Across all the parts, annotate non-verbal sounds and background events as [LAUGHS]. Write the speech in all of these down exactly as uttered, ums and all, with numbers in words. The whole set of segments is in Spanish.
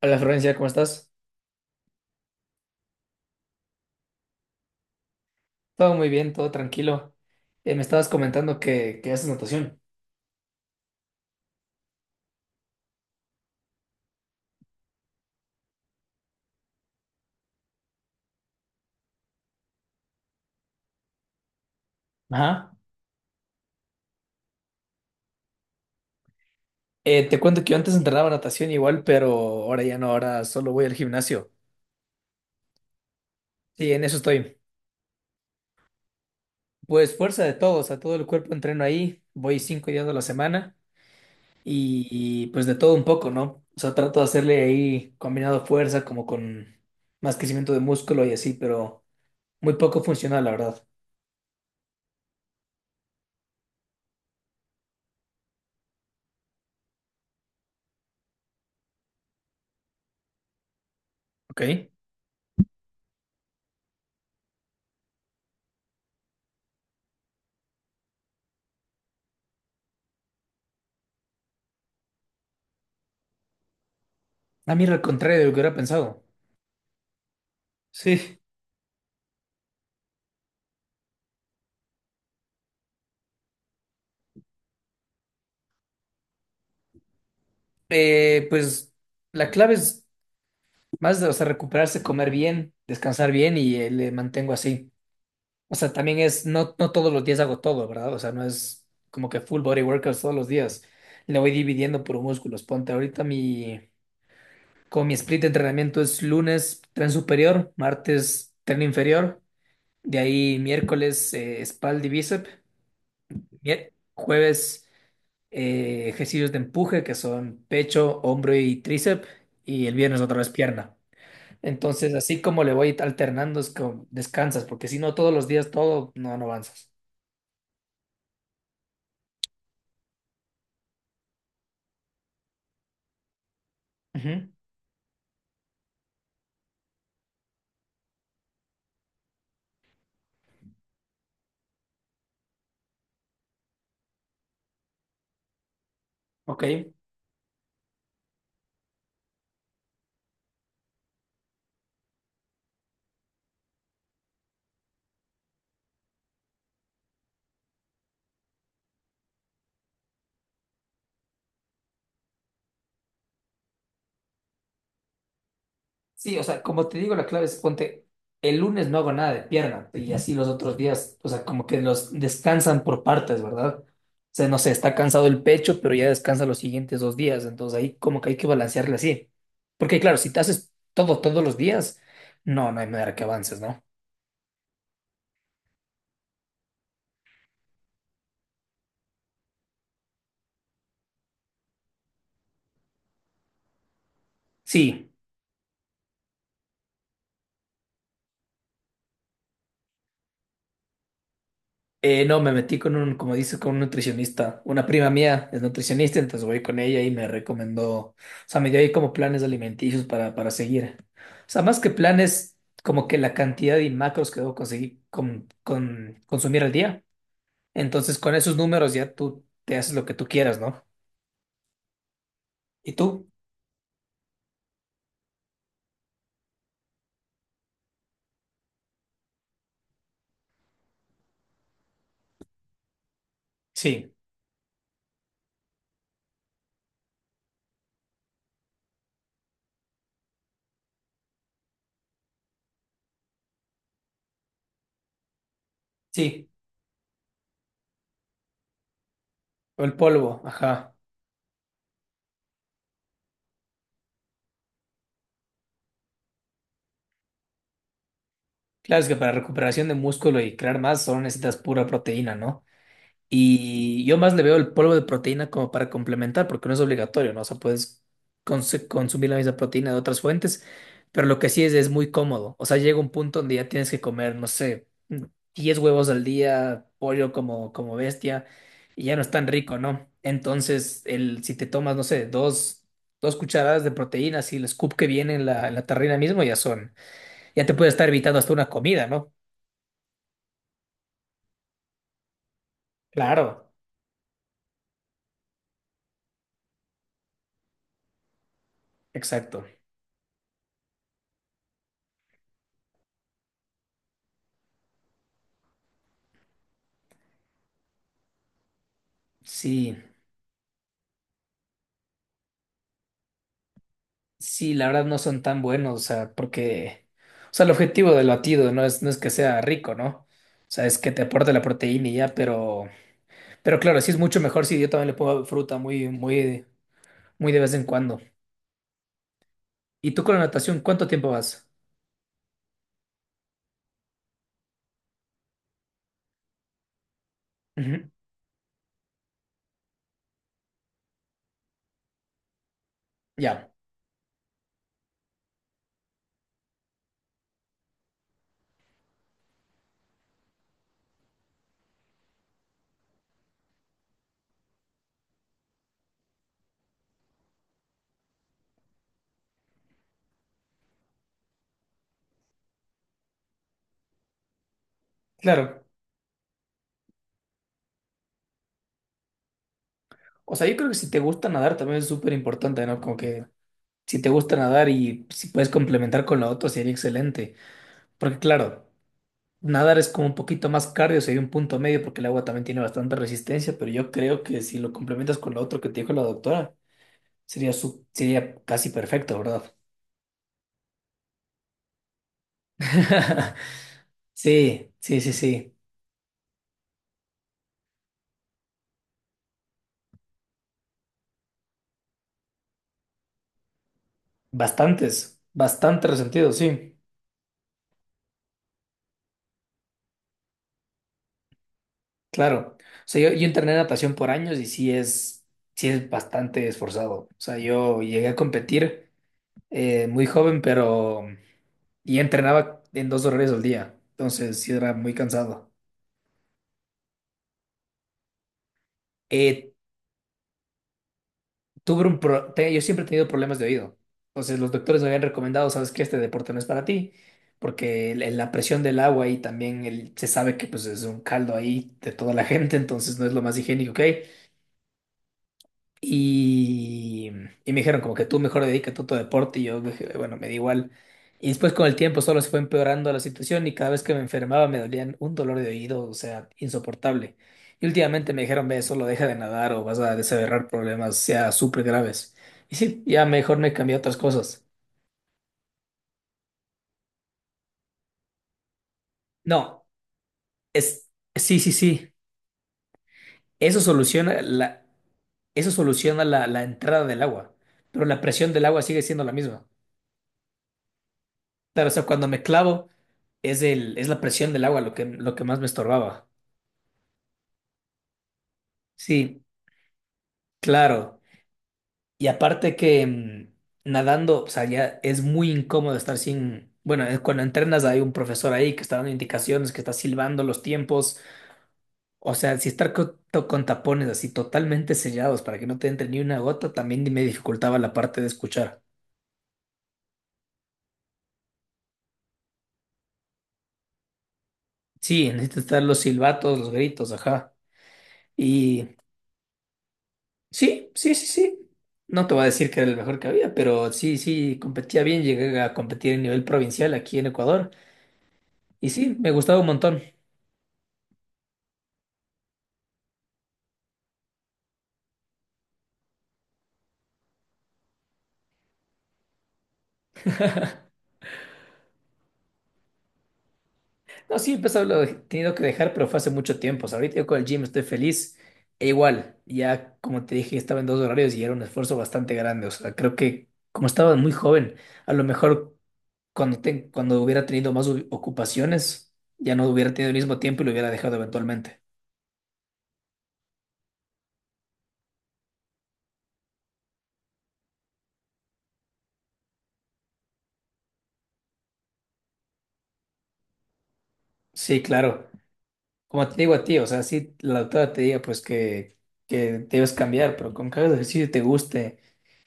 Hola Florencia, ¿cómo estás? Todo muy bien, todo tranquilo. Eh, me estabas comentando que, que haces natación. Ajá. Eh, te cuento que yo antes entrenaba natación igual, pero ahora ya no, ahora solo voy al gimnasio. Sí, en eso estoy. Pues fuerza de todo, o sea, todo el cuerpo entreno ahí, voy cinco días a la semana y, y, pues de todo un poco, ¿no? O sea, trato de hacerle ahí combinado fuerza como con más crecimiento de músculo y así, pero muy poco funcional, la verdad. Ok. A mí era al contrario de lo que hubiera pensado. Sí. Eh, pues la clave es más de, o sea, recuperarse, comer bien, descansar bien y eh, le mantengo así. O sea, también es, no, no todos los días hago todo, ¿verdad? O sea, no es como que full body workouts todos los días. Le voy dividiendo por músculos. Ponte ahorita mi, como mi split de entrenamiento es lunes tren superior, martes tren inferior, de ahí miércoles eh, espalda y bíceps. Mier- Jueves, eh, ejercicios de empuje que son pecho, hombro y tríceps. Y el viernes otra vez pierna. Entonces, así como le voy alternando, es como descansas, porque si no, todos los días todo, no, no avanzas. Ujú, Ok. Sí, o sea, como te digo, la clave es ponte, el lunes no hago nada de pierna y así los otros días, o sea, como que los descansan por partes, ¿verdad? O sea, no sé, está cansado el pecho, pero ya descansa los siguientes dos días, entonces ahí como que hay que balancearle así. Porque claro, si te haces todo todos los días, no, no hay manera que avances, ¿no? Sí. Eh, no, Me metí con un, como dices, con un nutricionista. Una prima mía es nutricionista, entonces voy con ella y me recomendó, o sea, me dio ahí como planes alimenticios para, para seguir. O sea, más que planes, como que la cantidad de macros que debo conseguir con, con consumir al día. Entonces, con esos números ya tú te haces lo que tú quieras, ¿no? ¿Y tú? Sí, sí. O el polvo, ajá. Claro, es que para recuperación de músculo y crear más solo necesitas pura proteína, ¿no? Y yo más le veo el polvo de proteína como para complementar, porque no es obligatorio, ¿no? O sea, puedes cons- consumir la misma proteína de otras fuentes, pero lo que sí es, es muy cómodo. O sea, llega un punto donde ya tienes que comer, no sé, diez huevos al día, pollo como, como bestia, y ya no es tan rico, ¿no? Entonces, el, si te tomas, no sé, dos, dos cucharadas de proteína, si el scoop que viene en la, en la tarrina mismo, ya son, ya te puede estar evitando hasta una comida, ¿no? Claro, exacto. Sí. Sí, la verdad no son tan buenos, o sea, porque, o sea, el objetivo del batido no es, no es que sea rico, ¿no? O sea, es que te aporte la proteína y ya, pero, pero claro, sí es mucho mejor si yo también le pongo fruta muy, muy, muy de vez en cuando. ¿Y tú con la natación, cuánto tiempo vas? Ujú, Ya, claro. O sea, yo creo que si te gusta nadar también es súper importante, ¿no? Como que si te gusta nadar y si puedes complementar con lo otro sería excelente. Porque claro. Nadar es como un poquito más cardio, sería un punto medio porque el agua también tiene bastante resistencia, pero yo creo que si lo complementas con lo otro que te dijo la doctora, sería, su- sería casi perfecto, ¿verdad? [LAUGHS] Sí, sí, sí, sí. Bastantes, bastante resentido, sí, claro. O sea, yo, yo entrené natación por años y sí es, sí es bastante esforzado. O sea, yo llegué a competir eh, muy joven, pero... Y entrenaba en dos horarios al día, entonces sí era muy cansado. Eh, tuve un pro- te- Yo siempre he tenido problemas de oído. Entonces los doctores me habían recomendado, sabes que este deporte no es para ti, porque el- la presión del agua y también el- se sabe que pues es un caldo ahí de toda la [LAUGHS] gente, entonces no es lo más higiénico que hay. Y, y me dijeron como que tú mejor dedícate a tu deporte y yo dije, bueno, me da igual. Y después con el tiempo solo se fue empeorando la situación y cada vez que me enfermaba me dolían un dolor de oído, o sea, insoportable. Y últimamente me dijeron, ve, solo deja de nadar o vas a desaverrar problemas, sea súper graves. Y sí, ya mejor me cambié a otras cosas. No, es, sí, sí, sí. Eso soluciona la, eso soluciona la, la entrada del agua, pero la presión del agua sigue siendo la misma. Claro, o sea, cuando me clavo, es el, es la presión del agua lo que, lo que más me estorbaba. Sí, claro. Y aparte que mm, nadando, o sea, ya es muy incómodo estar sin. Bueno, eh, cuando entrenas hay un profesor ahí que está dando indicaciones, que está silbando los tiempos. O sea, si estar co- to- con, tapones así totalmente sellados para que no te entre ni una gota, también me dificultaba la parte de escuchar. Sí, necesitas estar los silbatos, los gritos, ajá. y Sí, sí, sí, sí. No te voy a decir que era el mejor que había, pero sí, sí, competía bien. Llegué a competir en nivel provincial aquí en Ecuador. Y sí, me gustaba un montón. No, sí, empezó, lo he tenido que dejar, pero fue hace mucho tiempo. O sea, ahorita yo con el gym estoy feliz. E igual, ya como te dije, estaba en dos horarios y era un esfuerzo bastante grande. O sea, creo que como estaba muy joven, a lo mejor cuando, te- cuando hubiera tenido más u- ocupaciones, ya no hubiera tenido el mismo tiempo y lo hubiera dejado eventualmente. Sí, claro. Como te digo a ti, o sea, si la doctora te diga pues que, que debes cambiar, pero con que hagas ejercicio y te guste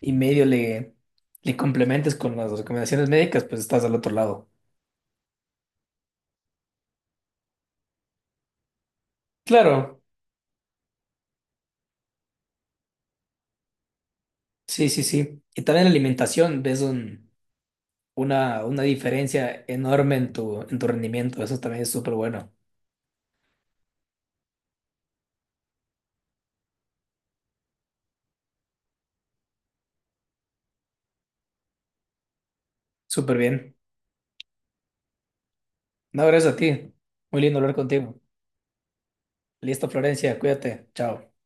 y medio le, le complementes con las recomendaciones médicas, pues estás al otro lado. Claro, sí, sí, sí. Y también la alimentación, ves un- una, una diferencia enorme en tu, en tu rendimiento. Eso también es súper bueno. Súper bien. No, gracias a ti. Muy lindo hablar contigo. Listo, Florencia, cuídate. Chao.